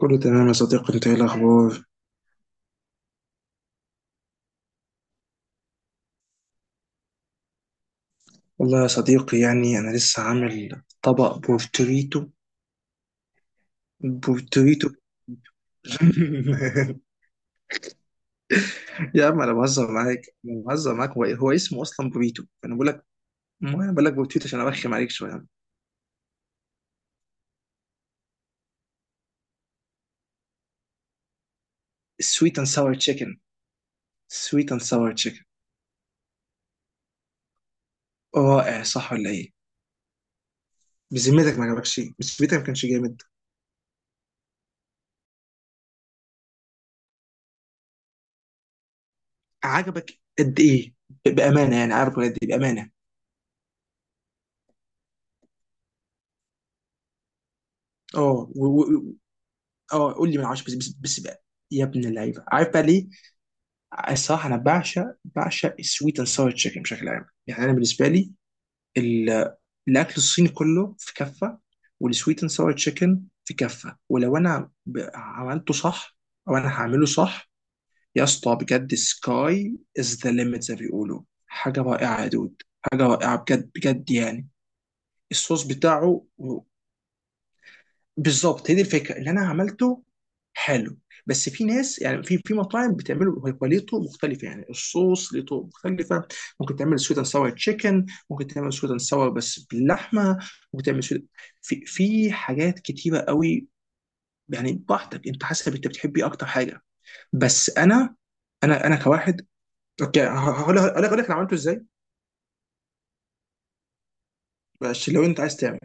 كله تمام يا صديقي، انت ايه الاخبار؟ والله يا صديقي يعني انا لسه عامل طبق بورتريتو. بورتريتو. يا عم انا بهزر معاك، انا بهزر معاك. هو, إيه؟ هو اسمه اصلا بوريتو انا بقول لك. ما انا بقول لك بورتريتو عشان ارخم عليك شويه. سويت اند ساور تشيكن. سويت اند ساور تشيكن. رائع صح ولا ايه؟ بذمتك ما عجبكش؟ بذمتك ما كانش جامد؟ عجبك. قد ايه بامانه؟ يعني عارف قد ايه بامانه؟ اه، اه قول لي من عشرة. بس بقى. يا ابن اللعيبه، عارف بقى ليه؟ الصراحه انا بعشق السويت اند ساور تشيكن بشكل عام. يعني انا بالنسبه لي ال- الاكل الصيني كله في كفه، والسويت اند ساور تشيكن في كفه. ولو انا عملته صح او انا هعمله صح يا اسطى بجد سكاي از ذا ليميت، زي ما بيقولوا، حاجه رائعه يا دود. حاجه رائعه بجد بجد يعني. الصوص بتاعه بالظبط هي دي الفكره اللي انا عملته. حلو. بس في ناس، يعني في مطاعم بتعمله، هو هو ليه طرق مختلفه، يعني الصوص ليه طرق مختلفه. ممكن تعمل سويت اند ساور تشيكن، ممكن تعمل سويت اند ساور بس باللحمه، ممكن تعمل سويت. في حاجات كتيره قوي. يعني براحتك انت، حسب انت بتحب ايه اكتر حاجه. بس انا، انا كواحد، اوكي، هقول لك انا عملته ازاي. بس لو انت عايز تعمل،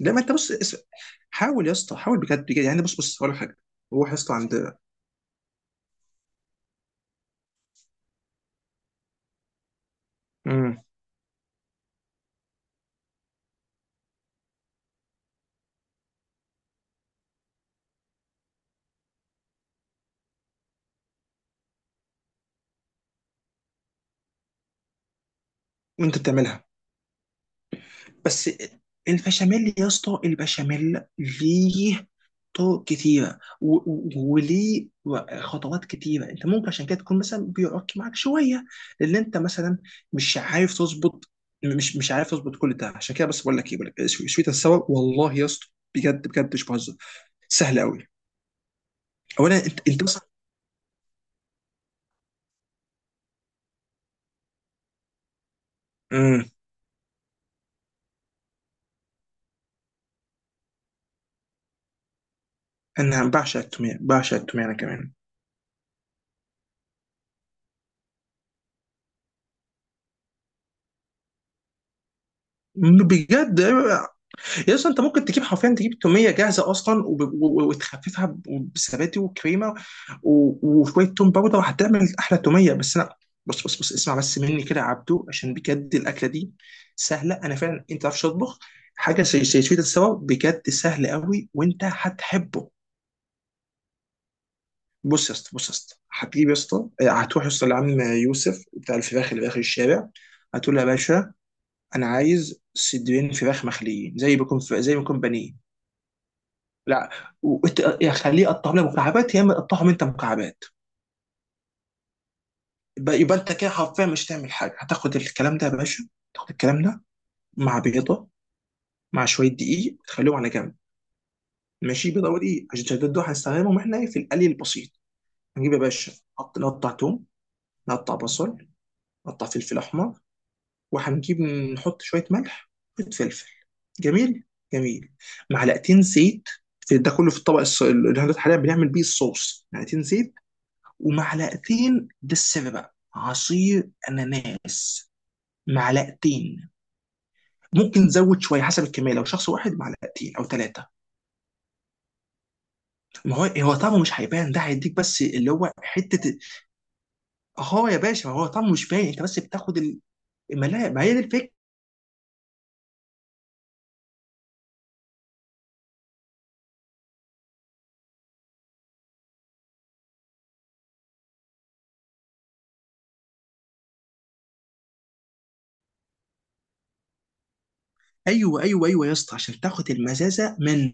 لما انت بص، حاول يا اسطى، حاول بجد بجد يعني. بص بص هقول لك حاجه. روح يا اسطى. عند. وانت بتعملها بس. البشاميل يا اسطى، البشاميل ليه طرق كتيرة و- و- وليه خطوات كتيرة. انت ممكن عشان كده تكون مثلا بيعك معاك شوية لان انت مثلا مش عارف تظبط. مش عارف تظبط كل ده. عشان كده بس بقول لك ايه، بقول لك شوية السوا والله يا اسطى. بجد بجد مش بهزر. سهل قوي. اولا انت، انت مثلا. امم. انا بعشق التوميه، بعشق التوميه انا كمان. بجد. يس انت ممكن تجيب حرفيا، تجيب توميه جاهزه اصلا وب- و- و- وتخففها بزبادي وكريمه وشويه توم باودر وهتعمل احلى توميه. بس انا، بص بص بص اسمع بس مني كده يا عبدو، عشان بجد الاكله دي سهله. انا فعلا، انت ما تعرفش تطبخ، حاجه زي زي سويت السوا بجد سهل قوي وانت هتحبه. بص يا اسطى، بص يا اسطى، هتجيب يا اسطى، اه، هتروح يا اسطى لعم يوسف بتاع الفراخ اللي في اخر الشارع. هتقول له يا باشا انا عايز صدرين فراخ مخليين زي ما يكون، زي ما يكون بانيه. لا. يا خليه يقطعهم لك مكعبات، يا اما يقطعهم انت مكعبات. يبقى يبقى انت كده حرفيا مش تعمل حاجه. هتاخد الكلام ده يا باشا. تاخد الكلام ده مع بيضه، مع شويه دقيق، تخليهم على جنب. ماشي، بيضه ودقيق عشان الشداد دول هنستخدمهم احنا إيه؟ في القلي البسيط. هنجيب يا باشا، نقطع توم، نقطع بصل، نقطع فلفل احمر، وهنجيب نحط شويه ملح، شويه فلفل. جميل جميل. معلقتين زيت، في ده كله في الطبق اللي احنا حاليا بنعمل بيه الصوص. معلقتين زيت، ومعلقتين، ده السر بقى، عصير اناناس. معلقتين. ممكن نزود شويه حسب الكميه، لو شخص واحد معلقتين او ثلاثه. ما هو، هو طعمه مش هيبان، ده هيديك بس اللي هو حته. اه يا باشا، ما هو طعمه مش باين، انت بس بتاخد ما لا ما هي دي الفكره. ايوه ايوه ايوه يا اسطى عشان تاخد المزازه من.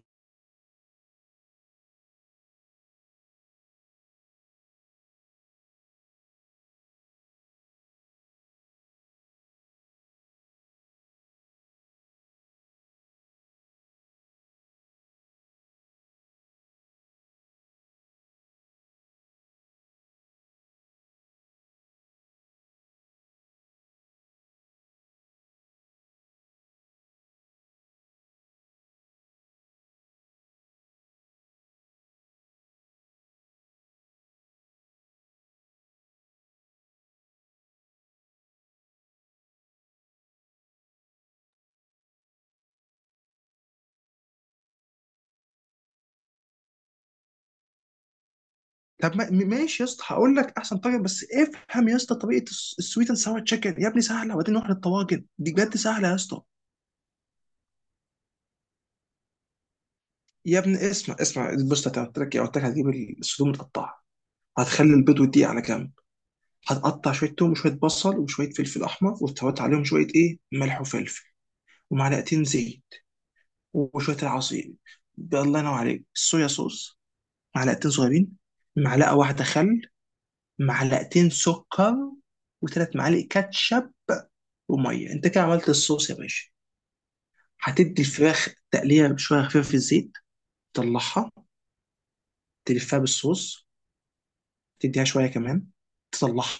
طب ماشي يا اسطى، هقول لك احسن طريقه بس افهم يا اسطى طريقه السويت اند ساور تشيكن يا ابني سهله، وبعدين نروح للطواجن. دي بجد سهله يا اسطى. يا ابني اسمع اسمع، بص انا قلت لك إيه؟ قلت لك هتجيب الصدور متقطعه، هتخلي البيض والدقيق على جنب. هتقطع شويه توم وشويه بصل وشويه فلفل احمر، وتحط عليهم شويه، ايه، ملح وفلفل ومعلقتين زيت وشويه العصير. الله ينور عليك، صويا صوص معلقتين صغيرين، معلقه واحده خل، معلقتين سكر، وثلاث معالق كاتشب، وميه. انت كده عملت الصوص يا باشا. هتدي الفراخ تقليه شويه خفيفه في الزيت، تطلعها، تلفها بالصوص، تديها شويه كمان، تصلحها.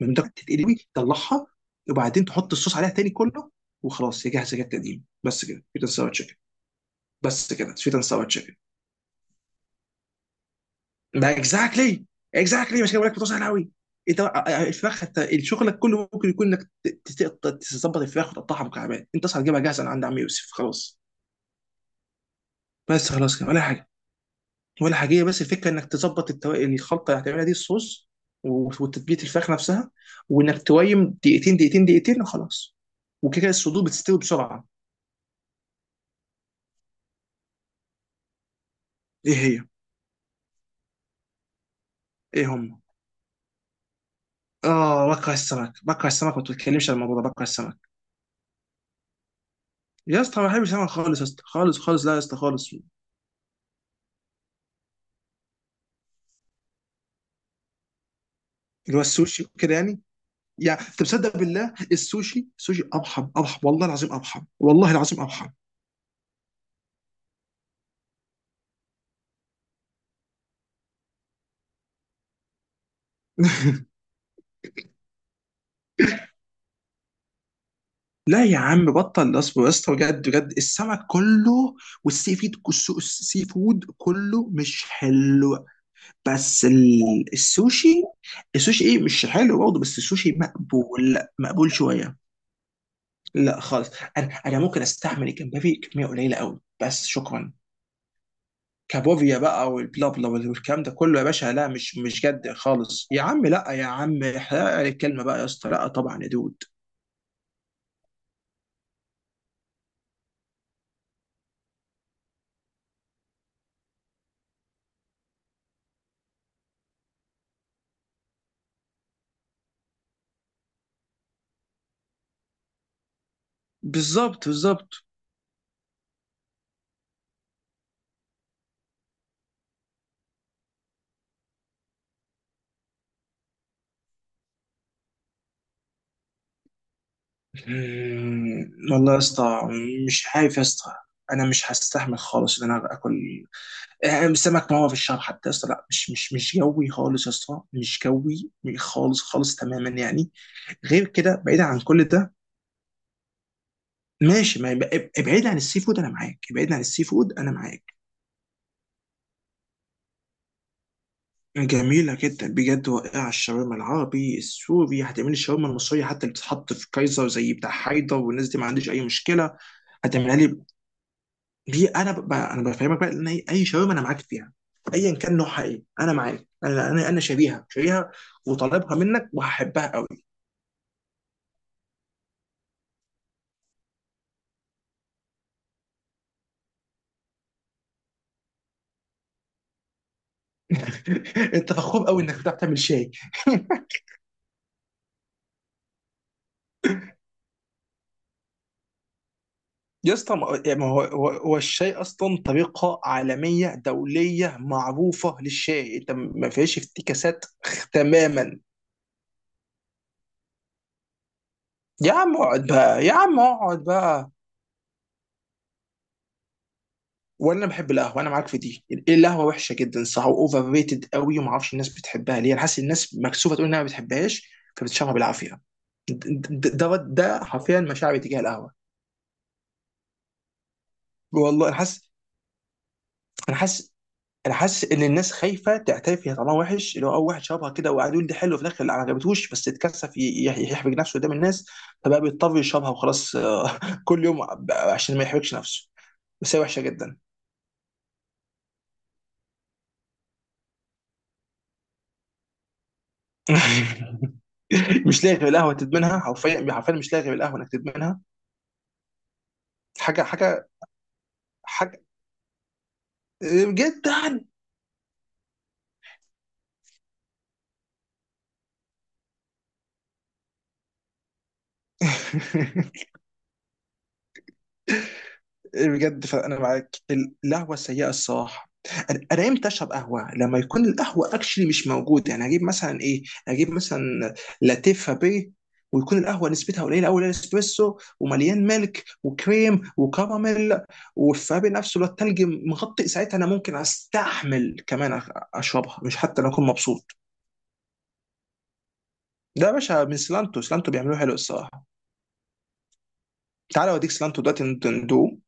من ده تتقلي قوي، تطلعها، وبعدين تحط الصوص عليها تاني كله. وخلاص هي جاهزه جت تقديم. بس كده سويت اند ساور تشيكن. بس كده سويت اند ساور تشيكن. ما اكزاكتلي. اكزاكتلي مش كده، بقول لك بتوصل قوي. انت الفراخ انت شغلك كله ممكن يكون انك تظبط الفراخ وتقطعها مكعبات. انت اصلا هتجيبها جاهزه من عند عم يوسف، خلاص. بس خلاص كده ولا حاجه. ولا حاجه. بس الفكره انك تظبط التو... يعني الخلطه اللي هتعملها دي، الصوص وتتبيله الفراخ نفسها. وانك تويم دقيقتين دقيقتين دقيقتين وخلاص. وكده كده الصدور بتستوي بسرعه. ايه هي؟ ايه هم؟ اه بكره السمك، بكره السمك، ما تتكلمش عن الموضوع ده، بكره السمك. يا اسطى ما بحبش السمك خالص يا اسطى، خالص خالص، لا يا اسطى خالص. اللي هو السوشي كده يعني. يعني انت مصدق بالله، السوشي، السوشي ارحم، ارحم والله العظيم، ارحم والله العظيم ارحم. لا يا عم بطل نصب يا اسطى، بجد بجد السمك كله والسي فود، السي فود كله مش حلو. بس السوشي، السوشي ايه مش حلو برضه، بس السوشي مقبول، مقبول شويه. لا خالص. انا، ممكن استحمل الجمبري كميه قليله قوي بس، شكرا. كابوريا بقى والبلا بلا والكلام ده كله يا باشا، لا مش جد خالص يا عم، لا يا عم احرق الكلمه بقى يا اسطى، لا طبعا يا دود. بالظبط بالظبط. مم، والله يا اسطى مش عارف يا اسطى، انا مش هستحمل خالص ان انا اكل، آه، سمك. ما هو في الشهر حتى يا اسطى لا، مش جوي خالص يا اسطى، مش جوي خالص خالص تماما يعني. غير كده، بعيدا عن كل ده. ماشي، ما يبقى- ابعد عن السي فود انا معاك، ابعد عن السي فود انا معاك. جميلة جدا بجد واقعة الشاورما العربي السوري. هتعمل لي الشاورما المصرية حتى، اللي بتتحط في كايزر زي بتاع حيدر والناس دي، ما عنديش أي مشكلة. هتعملها لي دي، انا انا بفهمك بقى ان اي، أي شاورما انا معاك فيها. ايا كان نوعها ايه انا معاك، انا انا شاريها، شاريها وطالبها منك وهحبها قوي. انت فخور قوي انك بتعرف تعمل شاي. يا اسطى ما يعني ما هو الشاي اصلا طريقه عالميه دوليه معروفه للشاي، انت ما فيهاش افتكاسات. تماما. يا عم اقعد بقى يا عم اقعد بقى. وانا بحب القهوه، انا معاك في دي، القهوه وحشه جدا صح، واوفر ريتد قوي، وما اعرفش الناس بتحبها ليه. انا حاسس الناس مكسوفه تقول انها ما بتحبهاش فبتشربها بالعافيه. ده حرفيا مشاعري تجاه القهوه. والله انا حاسس. انا حاسس انا حاسس ان الناس خايفه تعترف هي طعمها وحش. اللي هو اول واحد شربها كده وقعد يقول دي حلو، في الاخر لا، ما عجبتهوش، بس اتكسف يحرج نفسه قدام الناس، فبقى بيضطر يشربها وخلاص، آه. كل يوم عشان ما يحرجش نفسه. بس هي وحشه جدا. مش لاغي بالقهوه تدمنها، حرفيا مش لاغي بالقهوه انك تدمنها. حاجه حاجه حاجه جدا. إيه بجد، فانا معاك، القهوه السيئه الصراحه. انا، امتى اشرب قهوه؟ لما يكون القهوه اكشلي مش موجود، يعني هجيب مثلا ايه، هجيب مثلا لاتيه فابيه، ويكون القهوه نسبتها قليله قوي، الاسبريسو، ومليان ملك وكريم وكراميل، والفابي نفسه اللي هو التلج مغطي، ساعتها انا ممكن استحمل كمان اشربها. مش حتى لو اكون مبسوط. ده يا باشا من سلانتو، سلانتو بيعملوه حلو الصراحه. تعالى اوديك سلانتو دلوقتي ندوه.